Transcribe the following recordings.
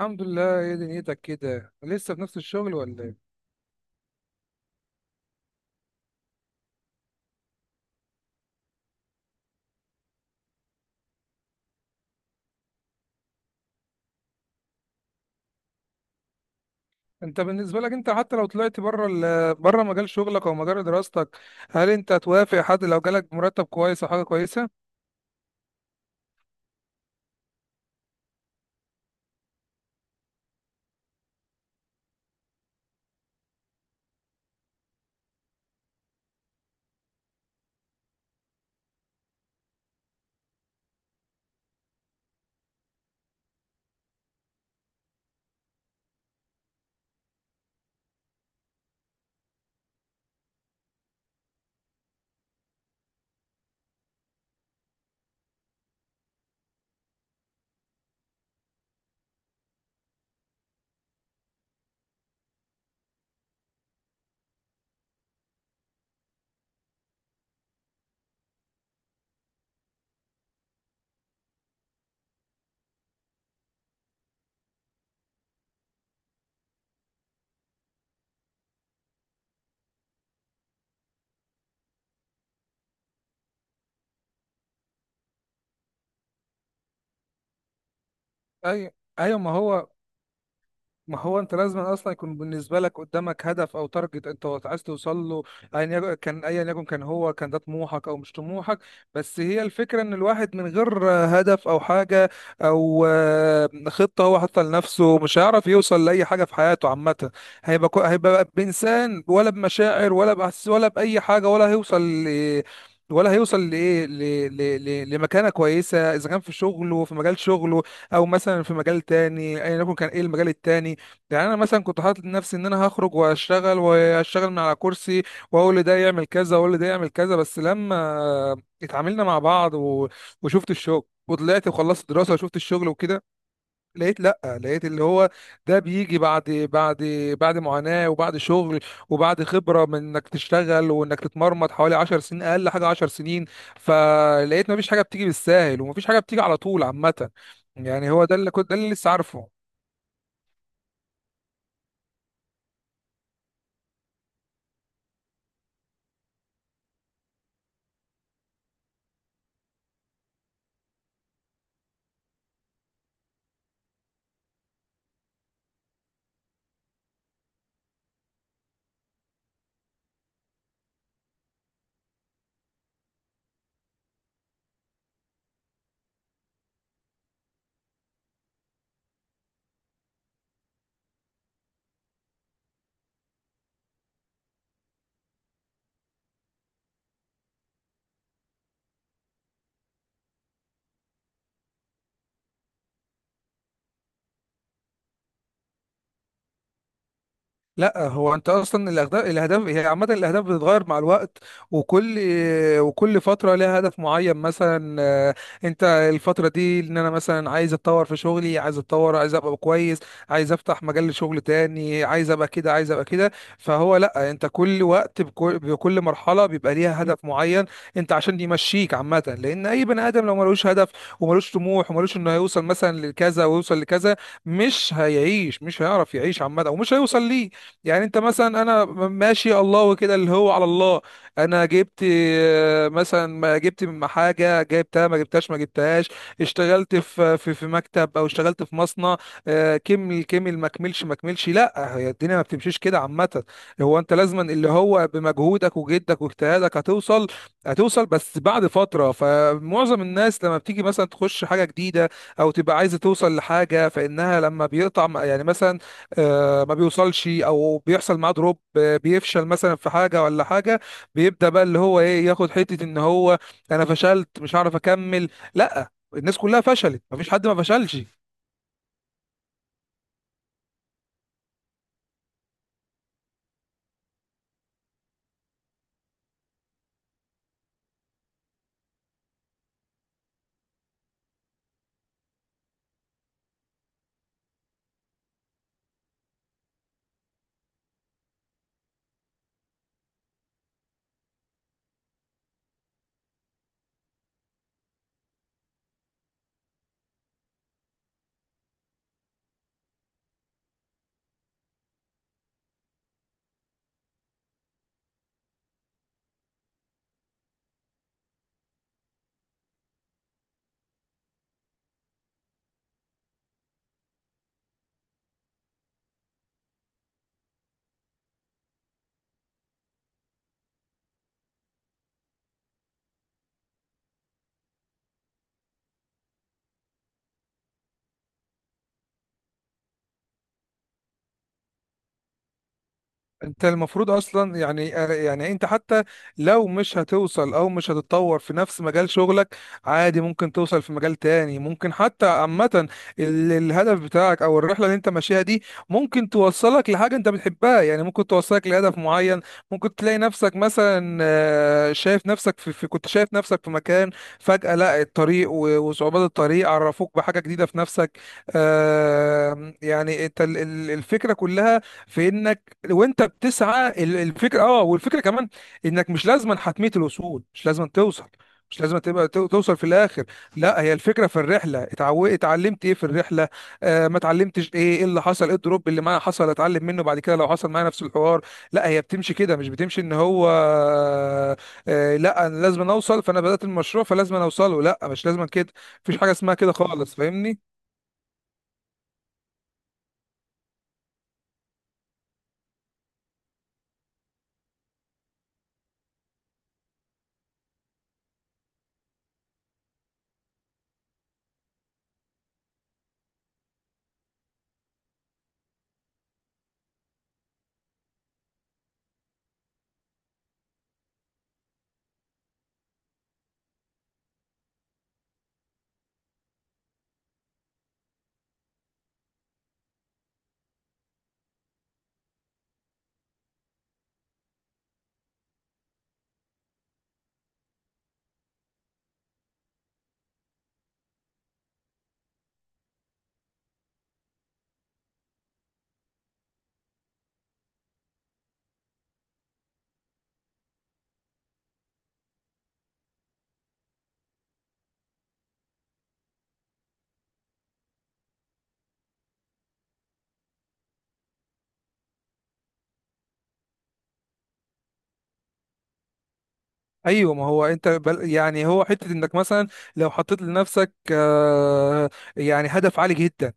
الحمد لله. ايه دنيتك كده، لسه في نفس الشغل ولا ايه؟ انت بالنسبه لك، انت حتى لو طلعت بره بره مجال شغلك او مجال دراستك، هل انت توافق حد لو جالك مرتب كويس او حاجه كويسه؟ ايوه، ايوه. ما هو انت لازم اصلا يكون بالنسبه لك قدامك هدف او تارجت انت عايز توصل له. ايا يكن كان، هو كان ده طموحك او مش طموحك. بس هي الفكره ان الواحد من غير هدف او حاجه او خطه هو حاطها لنفسه، مش هيعرف يوصل لاي حاجه في حياته عامه. هيبقى بانسان ولا بمشاعر ولا باحاسيس ولا باي حاجه، ولا هيوصل لايه، لمكانه كويسه اذا كان في شغله في مجال شغله، او مثلا في مجال تاني، ايا يكن كان ايه المجال التاني. يعني انا مثلا كنت حاطط لنفسي ان انا هخرج واشتغل واشتغل من على كرسي، واقول لده يعمل كذا واقول لده يعمل كذا، بس لما اتعاملنا مع بعض وشفت الشغل، وطلعت وخلصت دراسة وشفت الشغل وكده، لقيت، لا، لقيت اللي هو ده بيجي بعد بعد معاناة، وبعد شغل، وبعد خبرة من انك تشتغل وانك تتمرمط حوالي 10 سنين، اقل حاجة 10 سنين. فلقيت مفيش حاجة بتيجي بالساهل ومفيش حاجة بتيجي على طول عامة. يعني هو ده اللي كنت، ده اللي لسه عارفه. لا، هو انت اصلا الاهداف، هي عامه الاهداف بتتغير مع الوقت، وكل وكل فتره لها هدف معين مثلا. انت الفتره دي ان انا مثلا عايز اتطور في شغلي، عايز اتطور، عايز ابقى كويس، عايز افتح مجال لشغل تاني، عايز ابقى كده، عايز ابقى كده. فهو لا، انت كل وقت بكل مرحله بيبقى ليها هدف معين. انت عشان يمشيك عامه، لان اي بني ادم لو ملوش هدف وملوش طموح وملوش انه هيوصل مثلا لكذا ويوصل لكذا، مش هيعيش، مش هيعرف يعيش عامه، ومش هيوصل ليه. يعني انت مثلا، انا ماشي الله وكده اللي هو على الله. انا جبت مثلا، ما جبت من حاجه جبتها، ما جبتهاش ما جبتهاش. اشتغلت في مكتب، او اشتغلت في مصنع، كمل كمل ما كملش ما كملش. لا، هي الدنيا ما بتمشيش كده عامه. هو انت لازما اللي هو بمجهودك وجدك واجتهادك هتوصل، بس بعد فتره. فمعظم الناس لما بتيجي مثلا تخش حاجه جديده، او تبقى عايزه توصل لحاجه، فانها لما بيقطع يعني مثلا ما بيوصلش او بيحصل معاه دروب، بيفشل مثلا في حاجه ولا حاجه، بيبدا بقى اللي هو ايه، ياخد حته ان هو: انا فشلت، مش هعرف اكمل. لا، الناس كلها فشلت، مفيش حد ما فشلش. انت المفروض اصلا، يعني انت حتى لو مش هتوصل او مش هتتطور في نفس مجال شغلك، عادي ممكن توصل في مجال تاني. ممكن حتى عامة الهدف بتاعك او الرحلة اللي انت ماشيها دي ممكن توصلك لحاجة انت بتحبها، يعني ممكن توصلك لهدف معين. ممكن تلاقي نفسك مثلا شايف نفسك في كنت شايف نفسك في مكان، فجأة لا، الطريق وصعوبات الطريق عرفوك بحاجة جديدة في نفسك. يعني انت الفكرة كلها في انك، وانت بتسعى، الفكره، والفكره كمان، انك مش لازما حتميه الوصول، مش لازما توصل، مش لازم تبقى توصل في الاخر. لا، هي الفكره في الرحله. اتعلمت ايه في الرحله، ما اتعلمتش، ايه اللي حصل، ايه الدروب اللي معايا حصل، اتعلم منه بعد كده لو حصل معايا نفس الحوار. لا، هي بتمشي كده، مش بتمشي ان هو لا انا لازم اوصل، فانا بدات المشروع فلازم اوصله. لا، مش لازم كده. مفيش حاجه اسمها كده خالص، فاهمني؟ ايوه، ما هو انت بل يعني هو حته انك مثلا لو حطيت لنفسك يعني هدف عالي جدا.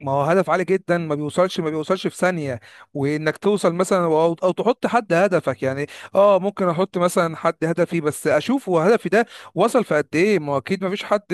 ما هو هدف عالي جدا ما بيوصلش، في ثانية، وانك توصل مثلا، أو تحط حد هدفك يعني. اه ممكن احط مثلا حد هدفي، بس اشوف هو هدفي ده وصل في قد ايه. ما هو اكيد ما فيش حد.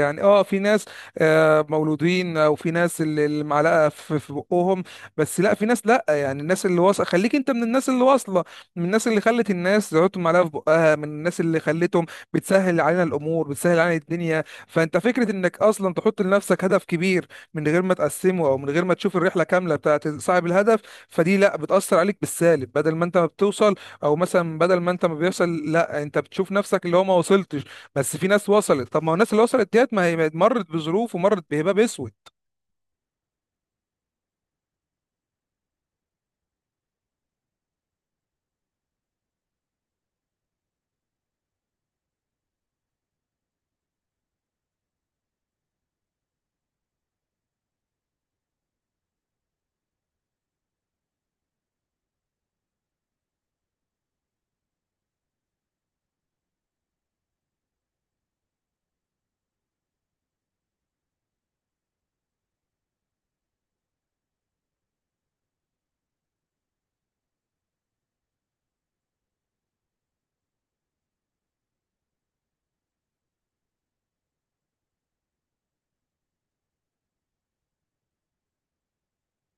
يعني في ناس مولودين، او في ناس اللي معلقة في بقهم. بس لا، في ناس. لا، يعني الناس اللي واصلة، خليك انت من الناس اللي واصلة، من الناس اللي خلت الناس تحط معلقة في بقها، من الناس اللي خلتهم بتسهل علينا الامور، بتسهل علينا الدنيا. فانت فكرة انك اصلا تحط لنفسك هدف كبير من غير ما تقسمه، او من غير ما تشوف الرحله كامله بتاعت صاحب الهدف، فدي لا بتاثر عليك بالسالب. بدل ما انت ما بتوصل، او مثلا بدل ما انت ما بيوصل، لا انت بتشوف نفسك اللي هو ما وصلتش. بس في ناس وصلت. طب ما هو الناس اللي وصلت ديت، ما هي مرت بظروف ومرت بهباب اسود.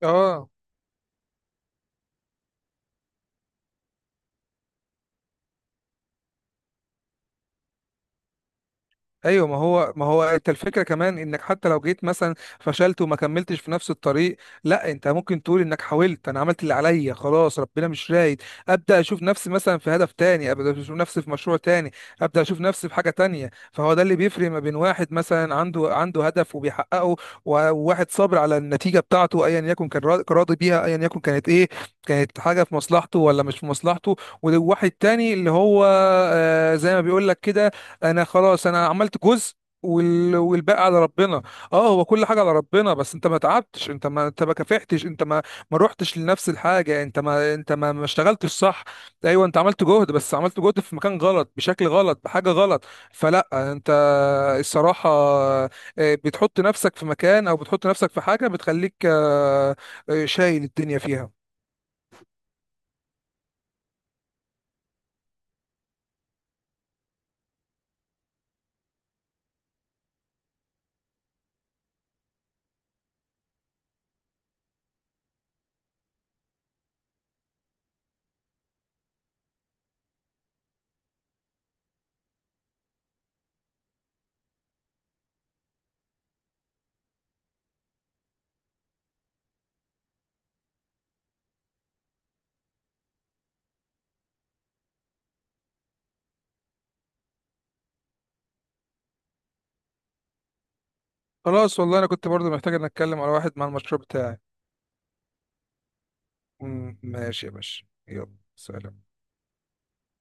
اه ايوه، ما هو انت الفكره كمان انك حتى لو جيت مثلا فشلت وما كملتش في نفس الطريق، لا انت ممكن تقول انك حاولت. انا عملت اللي عليا خلاص، ربنا مش رايد. ابدا اشوف نفسي مثلا في هدف تاني، ابدا اشوف نفسي في مشروع تاني، ابدا اشوف نفسي في حاجه تانية. فهو ده اللي بيفرق ما بين واحد مثلا عنده هدف وبيحققه وواحد صابر على النتيجه بتاعته، ايا يكن كان راضي بيها، ايا يكن كانت ايه، كانت حاجه في مصلحته ولا مش في مصلحته. وواحد تاني اللي هو زي ما بيقول لك كده: انا خلاص، انا عملت جزء والباقي على ربنا. اه هو كل حاجه على ربنا، بس انت ما تعبتش، انت ما كافحتش، انت ما ما روحتش لنفس الحاجه، انت ما انت ما ما اشتغلتش صح. ايوه انت عملت جهد، بس عملت جهد في مكان غلط، بشكل غلط، بحاجه غلط. فلا انت الصراحه بتحط نفسك في مكان، او بتحط نفسك في حاجه بتخليك، شايل الدنيا فيها. خلاص والله انا كنت برضو محتاج ان اتكلم على واحد مع المشروع بتاعي. ماشي يا باشا، يلا سلام.